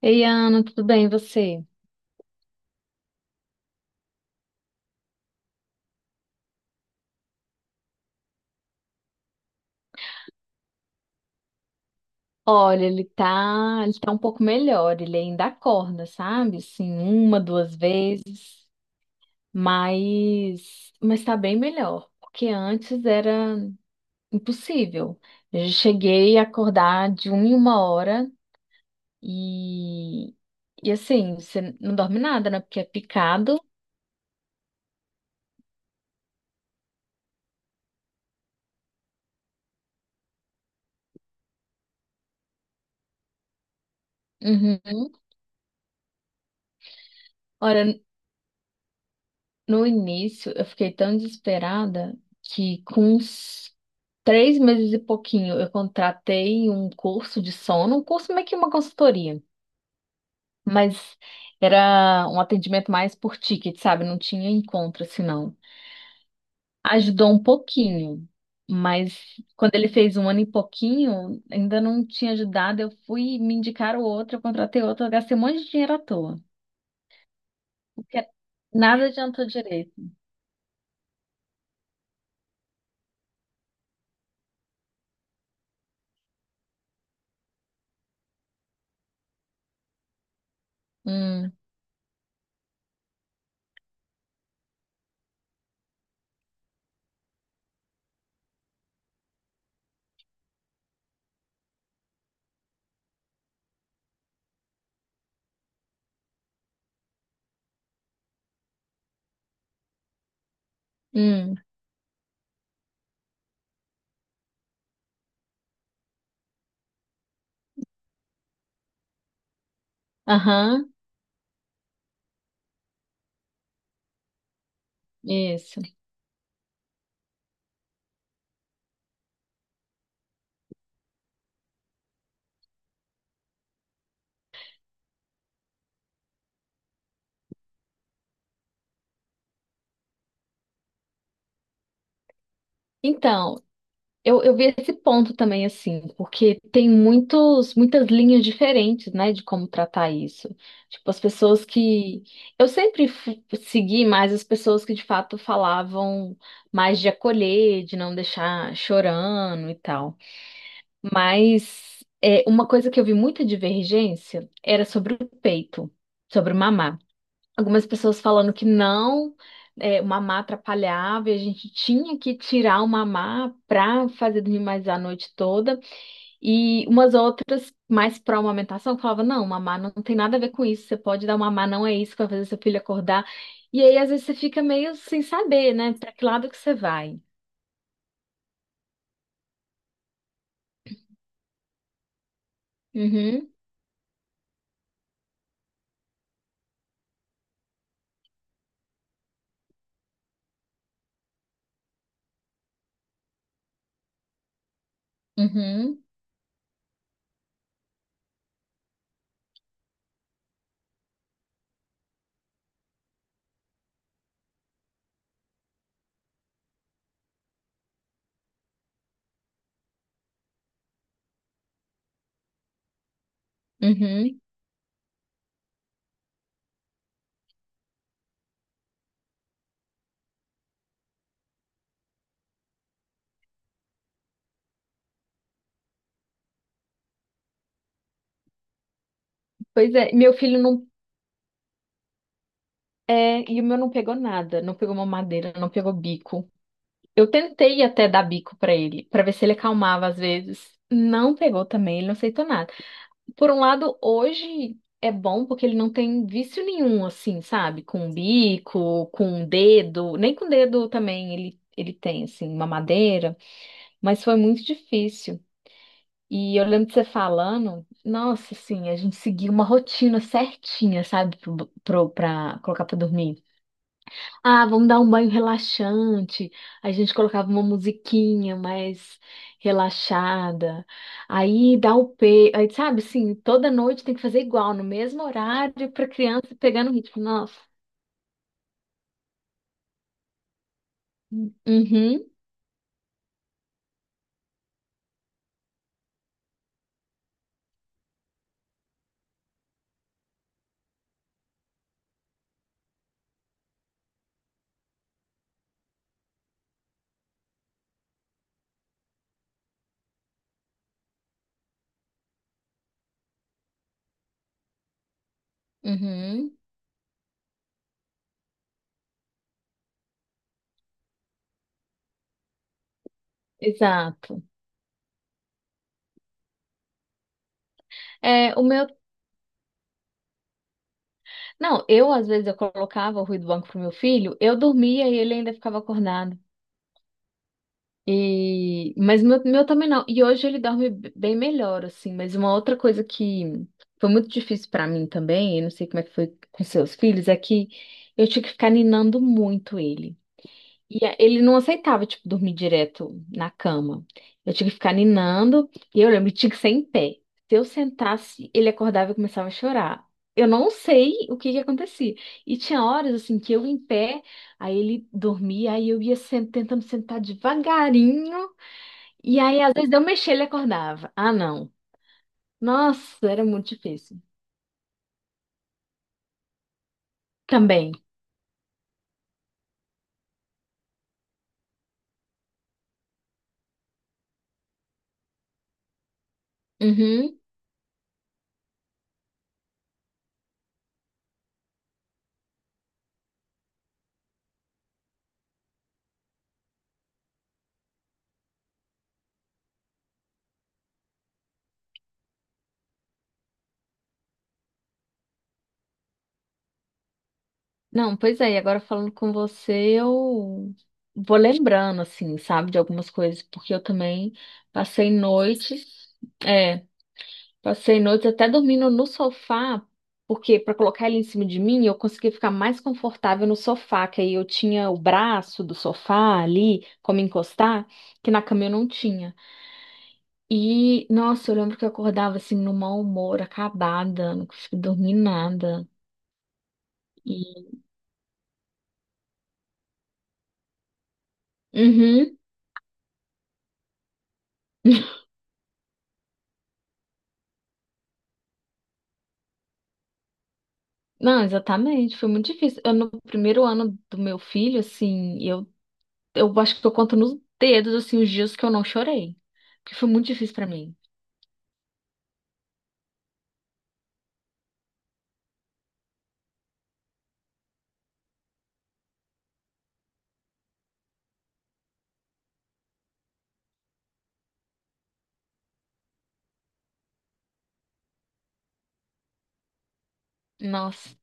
Ei, Ana, tudo bem, e você? Olha, ele tá um pouco melhor, ele ainda acorda, sabe? Assim, uma, duas vezes, mas tá bem melhor, porque antes era impossível. Eu cheguei a acordar de uma em uma hora e e assim, você não dorme nada, né? Porque é picado. Uhum. Ora, no início, eu fiquei tão desesperada que com uns 3 meses e pouquinho, eu contratei um curso de sono, um curso meio que uma consultoria, mas era um atendimento mais por ticket, sabe? Não tinha encontro, assim, não. Ajudou um pouquinho, mas quando ele fez um ano e pouquinho, ainda não tinha ajudado. Eu fui me indicar o outro, eu contratei outro, eu gastei um monte de dinheiro à toa, porque nada adiantou direito. Hum, hum, aham, isso. Então, eu vi esse ponto também, assim, porque tem muitos, muitas linhas diferentes, né, de como tratar isso. Tipo, as pessoas que. Eu sempre segui mais as pessoas que de fato falavam mais de acolher, de não deixar chorando e tal. Mas é, uma coisa que eu vi muita divergência era sobre o peito, sobre o mamar, algumas pessoas falando que não, é, o mamar atrapalhava e a gente tinha que tirar o mamar para fazer dormir mais a noite toda. E umas outras, mais pró amamentação, falavam: não, mamar não tem nada a ver com isso, você pode dar o mamar, não é isso que vai fazer seu filho acordar. E aí, às vezes, você fica meio sem saber, né, para que lado que você vai. Uhum, uhum, uhum. Pois é, meu filho não. É, e o meu não pegou nada, não pegou mamadeira, não pegou bico. Eu tentei até dar bico pra ele, pra ver se ele acalmava às vezes. Não pegou também, ele não aceitou nada. Por um lado, hoje é bom porque ele não tem vício nenhum, assim, sabe? Com bico, com dedo, nem com dedo também ele tem, assim, uma madeira, mas foi muito difícil. E eu lembro de você falando, nossa, assim, a gente seguia uma rotina certinha, sabe, pra colocar pra dormir. Ah, vamos dar um banho relaxante. A gente colocava uma musiquinha mais relaxada. Aí dá o pe... Aí, sabe, assim, toda noite tem que fazer igual, no mesmo horário, para criança pegando o ritmo. Nossa. Uhum, uhum. Exato. É, o meu. Não, eu às vezes eu colocava o ruído do banco pro meu filho, eu dormia e ele ainda ficava acordado. E, mas meu também não. E hoje ele dorme bem melhor, assim. Mas uma outra coisa que foi muito difícil pra mim também, eu não sei como é que foi com seus filhos, é que eu tinha que ficar ninando muito ele. E ele não aceitava, tipo, dormir direto na cama. Eu tinha que ficar ninando, e eu lembro, tinha que ser em pé. Se eu sentasse, ele acordava e começava a chorar. Eu não sei o que que acontecia. E tinha horas, assim, que eu em pé, aí ele dormia, aí eu ia tentando sentar devagarinho. E aí, às vezes, eu mexia, ele acordava. Ah, não. Nossa, era muito difícil. Também. Uhum. Não, pois é, e agora falando com você, eu vou lembrando, assim, sabe, de algumas coisas, porque eu também passei noites, é, passei noites até dormindo no sofá, porque para colocar ele em cima de mim, eu conseguia ficar mais confortável no sofá, que aí eu tinha o braço do sofá ali, como encostar, que na cama eu não tinha. E, nossa, eu lembro que eu acordava assim, no mau humor, acabada, não conseguia dormir nada. E. Uhum. Não, exatamente, foi muito difícil. Eu, no primeiro ano do meu filho, assim, eu acho que eu conto nos dedos, assim, os dias que eu não chorei. Porque foi muito difícil pra mim. Nossa.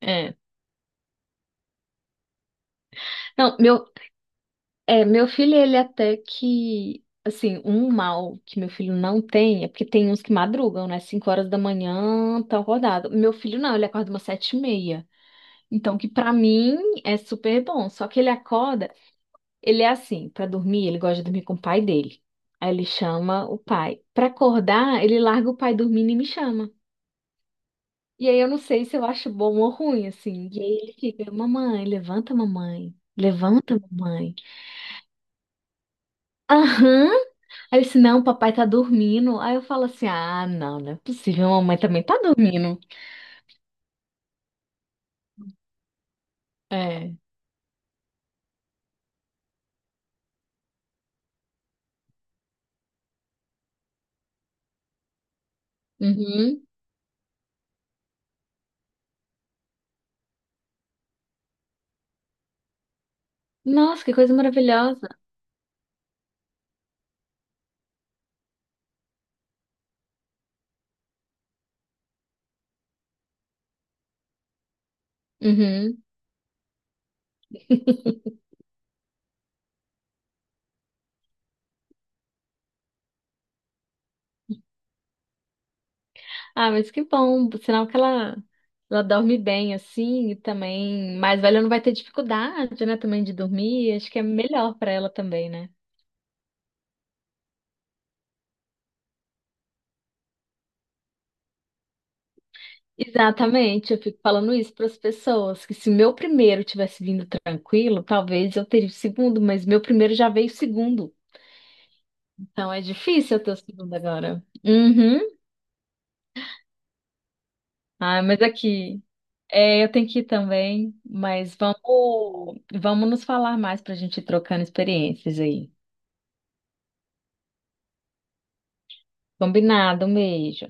É. Não, meu, é, meu filho, ele até que, assim, um mal que meu filho não tem é porque tem uns que madrugam, né? 5 horas da manhã, tão acordado. Meu filho não, ele acorda umas 7h30. Então, que pra mim é super bom. Só que ele acorda, ele é assim, pra dormir, ele gosta de dormir com o pai dele. Aí ele chama o pai. Pra acordar, ele larga o pai dormindo e me chama. E aí eu não sei se eu acho bom ou ruim, assim. E aí ele fica, mamãe, levanta, mamãe. Levanta, mamãe. Aham. Aí eu disse, não, papai tá dormindo. Aí eu falo assim, ah, não, não é possível, mamãe também tá dormindo. É. Uhum. Nossa, que coisa maravilhosa. Uhum. Ah, mas que bom, sinal que ela dorme bem assim e também mais velha não vai ter dificuldade, né, também de dormir, acho que é melhor pra ela também, né? Exatamente, eu fico falando isso para as pessoas, que se meu primeiro tivesse vindo tranquilo, talvez eu teria o segundo, mas meu primeiro já veio o segundo. Então é difícil eu ter o segundo agora. Uhum. Ah, mas aqui, é, eu tenho que ir também, mas vamos nos falar mais para a gente ir trocando experiências aí. Combinado, um beijo.